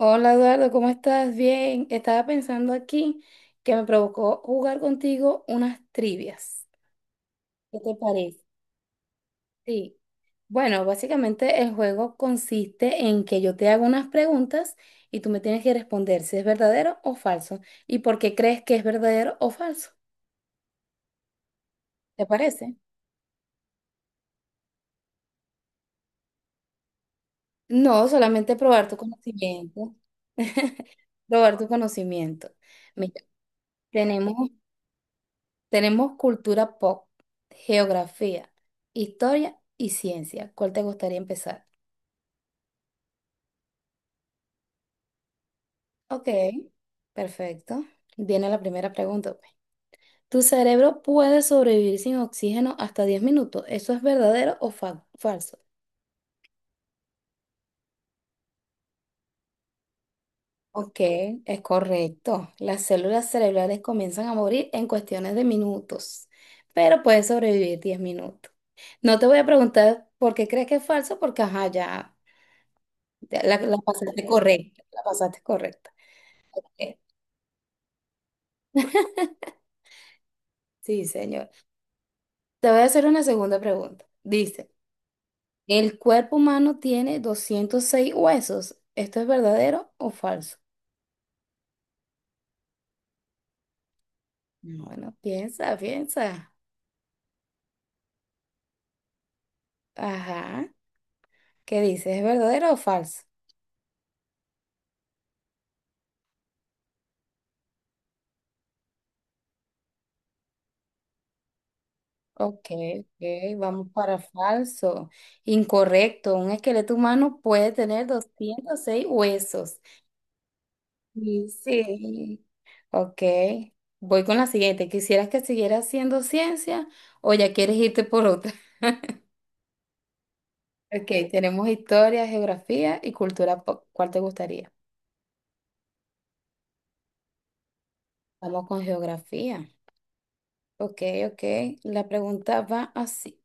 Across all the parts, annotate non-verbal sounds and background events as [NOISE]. Hola Eduardo, ¿cómo estás? Bien, estaba pensando aquí que me provocó jugar contigo unas trivias. ¿Qué te parece? Sí. Bueno, básicamente el juego consiste en que yo te hago unas preguntas y tú me tienes que responder si es verdadero o falso y por qué crees que es verdadero o falso. ¿Te parece? No, solamente probar tu conocimiento. [LAUGHS] Probar tu conocimiento. Mira, tenemos Tenemos cultura pop, geografía, historia y ciencia. ¿Cuál te gustaría empezar? Ok, perfecto. Viene la primera pregunta, pues. ¿Tu cerebro puede sobrevivir sin oxígeno hasta 10 minutos? ¿Eso es verdadero o falso? Ok, es correcto. Las células cerebrales comienzan a morir en cuestiones de minutos, pero puedes sobrevivir 10 minutos. No te voy a preguntar por qué crees que es falso, porque ajá, ya la pasaste correcta, la pasaste correcta. Eh, Sí, señor. Te voy a hacer una segunda pregunta. Dice, ¿el cuerpo humano tiene 206 huesos? ¿Esto es verdadero o falso? Bueno, piensa, piensa. Ajá. ¿Qué dice? ¿Es verdadero o falso? Ok, ok, vamos para falso. Incorrecto. Un esqueleto humano puede tener 206 huesos. Sí, sí. Ok. Voy con la siguiente. ¿Quisieras que siguiera haciendo ciencia o ya quieres irte por otra? Ok, tenemos historia, geografía y cultura pop. ¿Cuál te gustaría? Vamos con geografía. Ok, ok. La pregunta va así.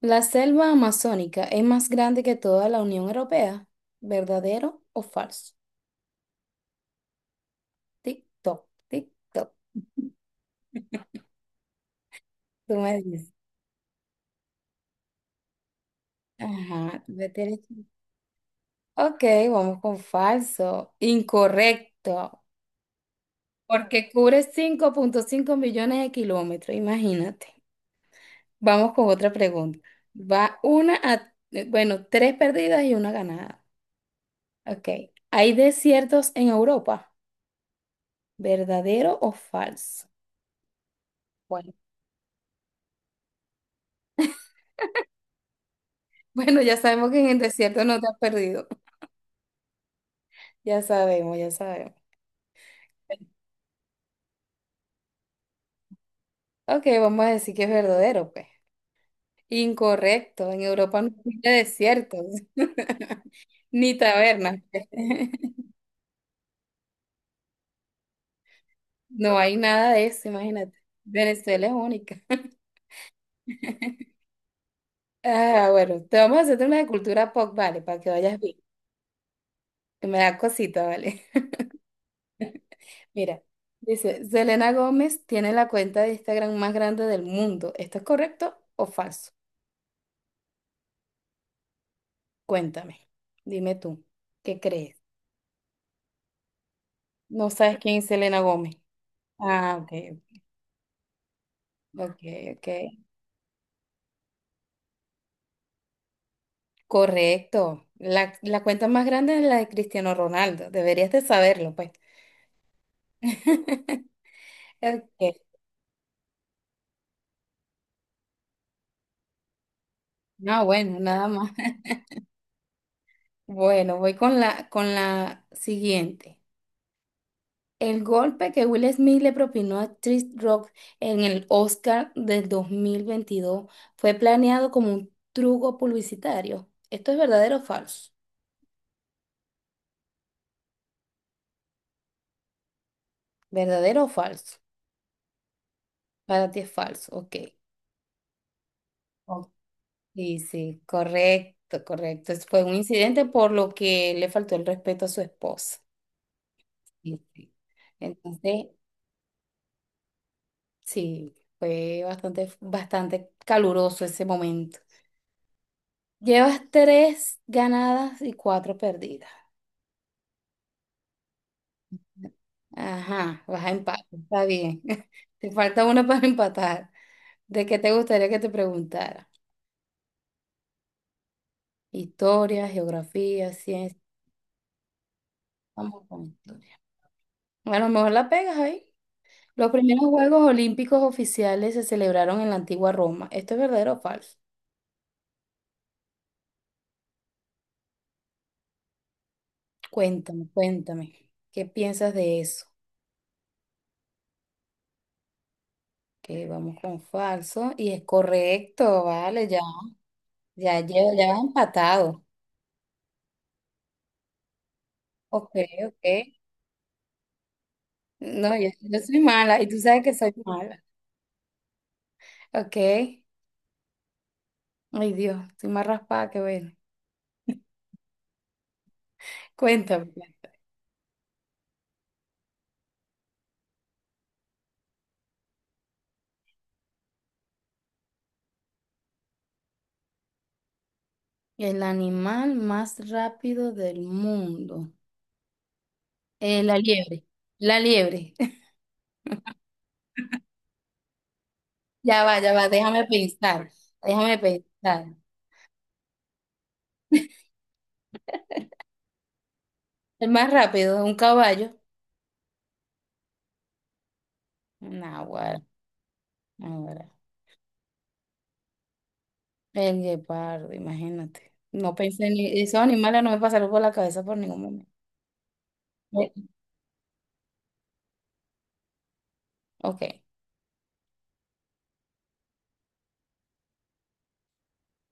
¿La selva amazónica es más grande que toda la Unión Europea? ¿Verdadero o falso? Tic-toc, tic-toc. Tú me dices. Ajá, tú me tienes- que- Ok, vamos con falso. Incorrecto. Porque cubre 5,5 millones de kilómetros, imagínate. Vamos con otra pregunta. Va una a, bueno, tres perdidas y una ganada. Ok. ¿Hay desiertos en Europa? ¿Verdadero o falso? Bueno, [LAUGHS] bueno, ya sabemos que en el desierto no te has perdido. [LAUGHS] Ya sabemos, ya sabemos. Ok, vamos a decir que es verdadero, pues. Incorrecto. En Europa no hay desiertos, [LAUGHS] ni tabernas, pues. [LAUGHS] No hay nada de eso, imagínate. Venezuela es única. [LAUGHS] Ah, bueno, te vamos a hacer una de cultura pop, vale, para que vayas bien. Me da cosita, ¿vale? [LAUGHS] Mira, dice, Selena Gómez tiene la cuenta de Instagram más grande del mundo. ¿Esto es correcto o falso? Cuéntame, dime tú, ¿qué crees? ¿No sabes quién es Selena Gómez? Ah, ok, ok, ok. Correcto. La cuenta más grande es la de Cristiano Ronaldo. Deberías de saberlo, pues. [LAUGHS] Ok. No, bueno, nada más. [LAUGHS] Bueno, voy con con la siguiente. El golpe que Will Smith le propinó a Chris Rock en el Oscar del 2022 fue planeado como un truco publicitario. ¿Esto es verdadero o falso? ¿Verdadero o falso? Para ti es falso, ok. Oh, sí, sí, correcto, correcto. Fue un incidente por lo que le faltó el respeto a su esposa. Sí, sí. Entonces, sí, fue bastante, bastante caluroso ese momento. Llevas tres ganadas y cuatro perdidas. Ajá, vas a empatar, está bien. [LAUGHS] Te falta una para empatar. ¿De qué te gustaría que te preguntara? Historia, geografía, ciencia. Vamos con historia. A lo mejor la pegas ahí. Los primeros Juegos Olímpicos oficiales se celebraron en la antigua Roma. ¿Esto es verdadero o falso? Cuéntame, cuéntame. ¿Qué piensas de eso? Que vamos con falso y es correcto, vale, ya, ya llevo, ya vas empatado. Ok, ok. No, yo soy mala y tú sabes que soy mala. Ok. Ay Dios, estoy más raspada que ver. Cuéntame, pues. El animal más rápido del mundo. La liebre. La liebre. [LAUGHS] Ya va, déjame pensar. Déjame pensar. El más rápido, un caballo. Naguará, naguará. El guepardo, imagínate. No pensé ni, esos animales no me pasaron por la cabeza por ningún momento. Eh, Ok.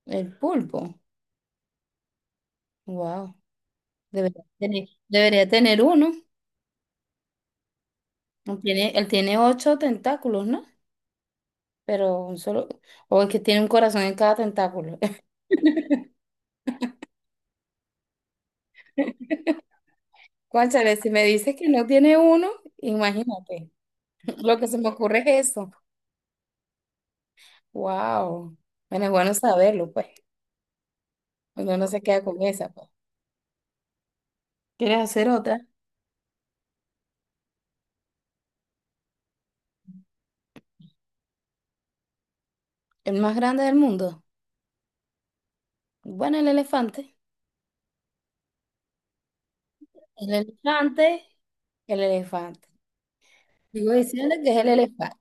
El pulpo. Wow. Debería tener uno. Tiene, él tiene ocho tentáculos, ¿no? Pero un solo, o es que tiene un corazón en cada tentáculo. [LAUGHS] Cónchale, si me dices que no tiene uno, imagínate, [LAUGHS] lo que se me ocurre es eso. Wow. Bueno, es bueno saberlo, pues. Uno no se queda con esa, pues. ¿Quieres hacer otra? El más grande del mundo. Bueno, el elefante. El elefante, el elefante. Digo diciendo que es el elefante.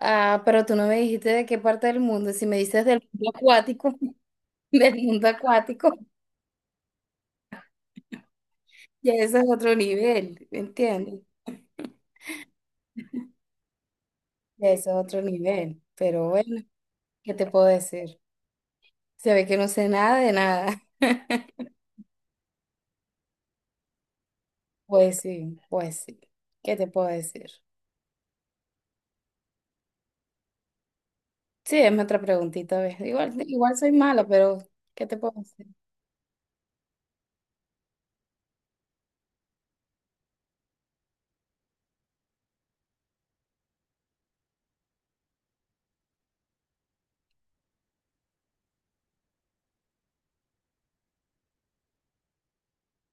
Ah, pero tú no me dijiste de qué parte del mundo. Si me dices del mundo acuático, [LAUGHS] del mundo acuático, ya ese es otro nivel, ¿entiendes? Ya eso es otro nivel, pero bueno, ¿qué te puedo decir? Se ve que no sé nada de nada. [LAUGHS] Pues sí, pues sí. ¿Qué te puedo decir? Sí, es otra preguntita, ¿ves? Igual, igual soy mala, pero ¿qué te puedo decir?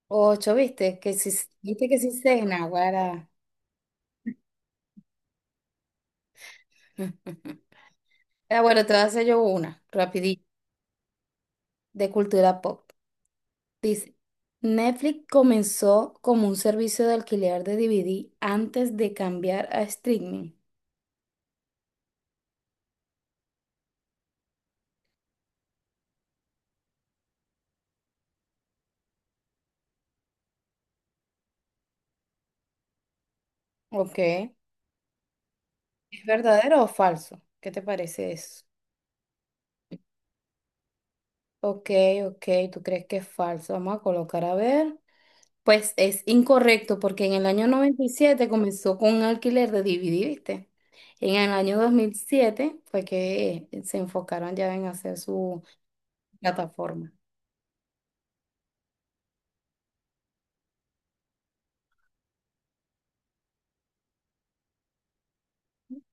Ocho, ¿viste? Que si, viste que sí sé, naguará. [LAUGHS] Ah, bueno, te voy a hacer yo una, rapidito, de cultura pop. Dice, Netflix comenzó como un servicio de alquiler de DVD antes de cambiar a streaming. Ok. ¿Es verdadero o falso? ¿Qué te parece eso? Ok, ok, tú crees que es falso. Vamos a colocar a ver. Pues es incorrecto porque en el año 97 comenzó con un alquiler de DVD, ¿viste? En el año 2007 fue que se enfocaron ya en hacer su plataforma.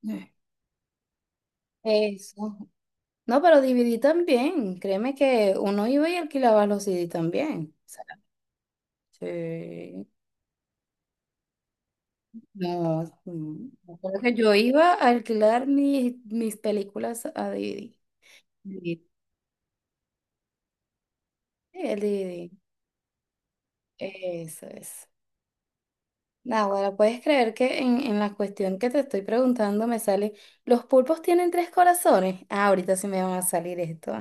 Eh. Eso. No, pero DVD también. Créeme que uno iba y alquilaba los CD también. O sea, sí. No, me acuerdo que yo iba a alquilar mis películas a DVD. Sí. Sí, el DVD. Eso es. Nah, bueno, puedes creer que en la cuestión que te estoy preguntando me sale, ¿los pulpos tienen tres corazones? Ah, ahorita sí me van a salir esto.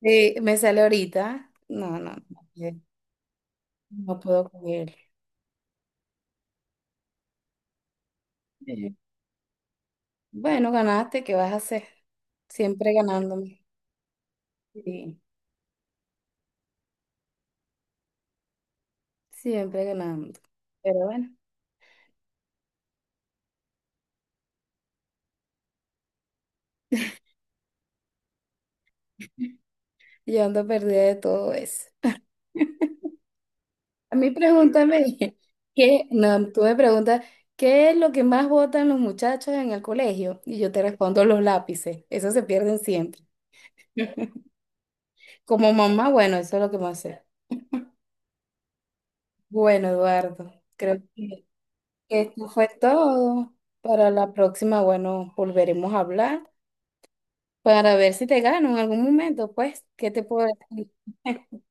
Sí, me sale ahorita. No, no, no puedo creer. Eh, Bueno, ganaste, ¿qué vas a hacer? Siempre ganándome. Sí, siempre ganando. Pero bueno. Yo ando perdida de todo eso. A mí pregúntame, [LAUGHS] ¿qué? No, tú me preguntas, ¿qué es lo que más votan los muchachos en el colegio? Y yo te respondo los lápices. Esos se pierden siempre. Como mamá, bueno, eso es lo que más sé. Bueno, Eduardo, creo que esto fue todo. Para la próxima, bueno, volveremos a hablar para ver si te gano en algún momento, pues, ¿qué te puedo decir? [LAUGHS]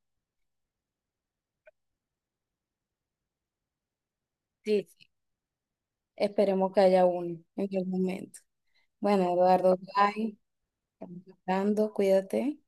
Sí, esperemos que haya uno en algún momento. Bueno, Eduardo, bye. Estamos hablando, cuídate.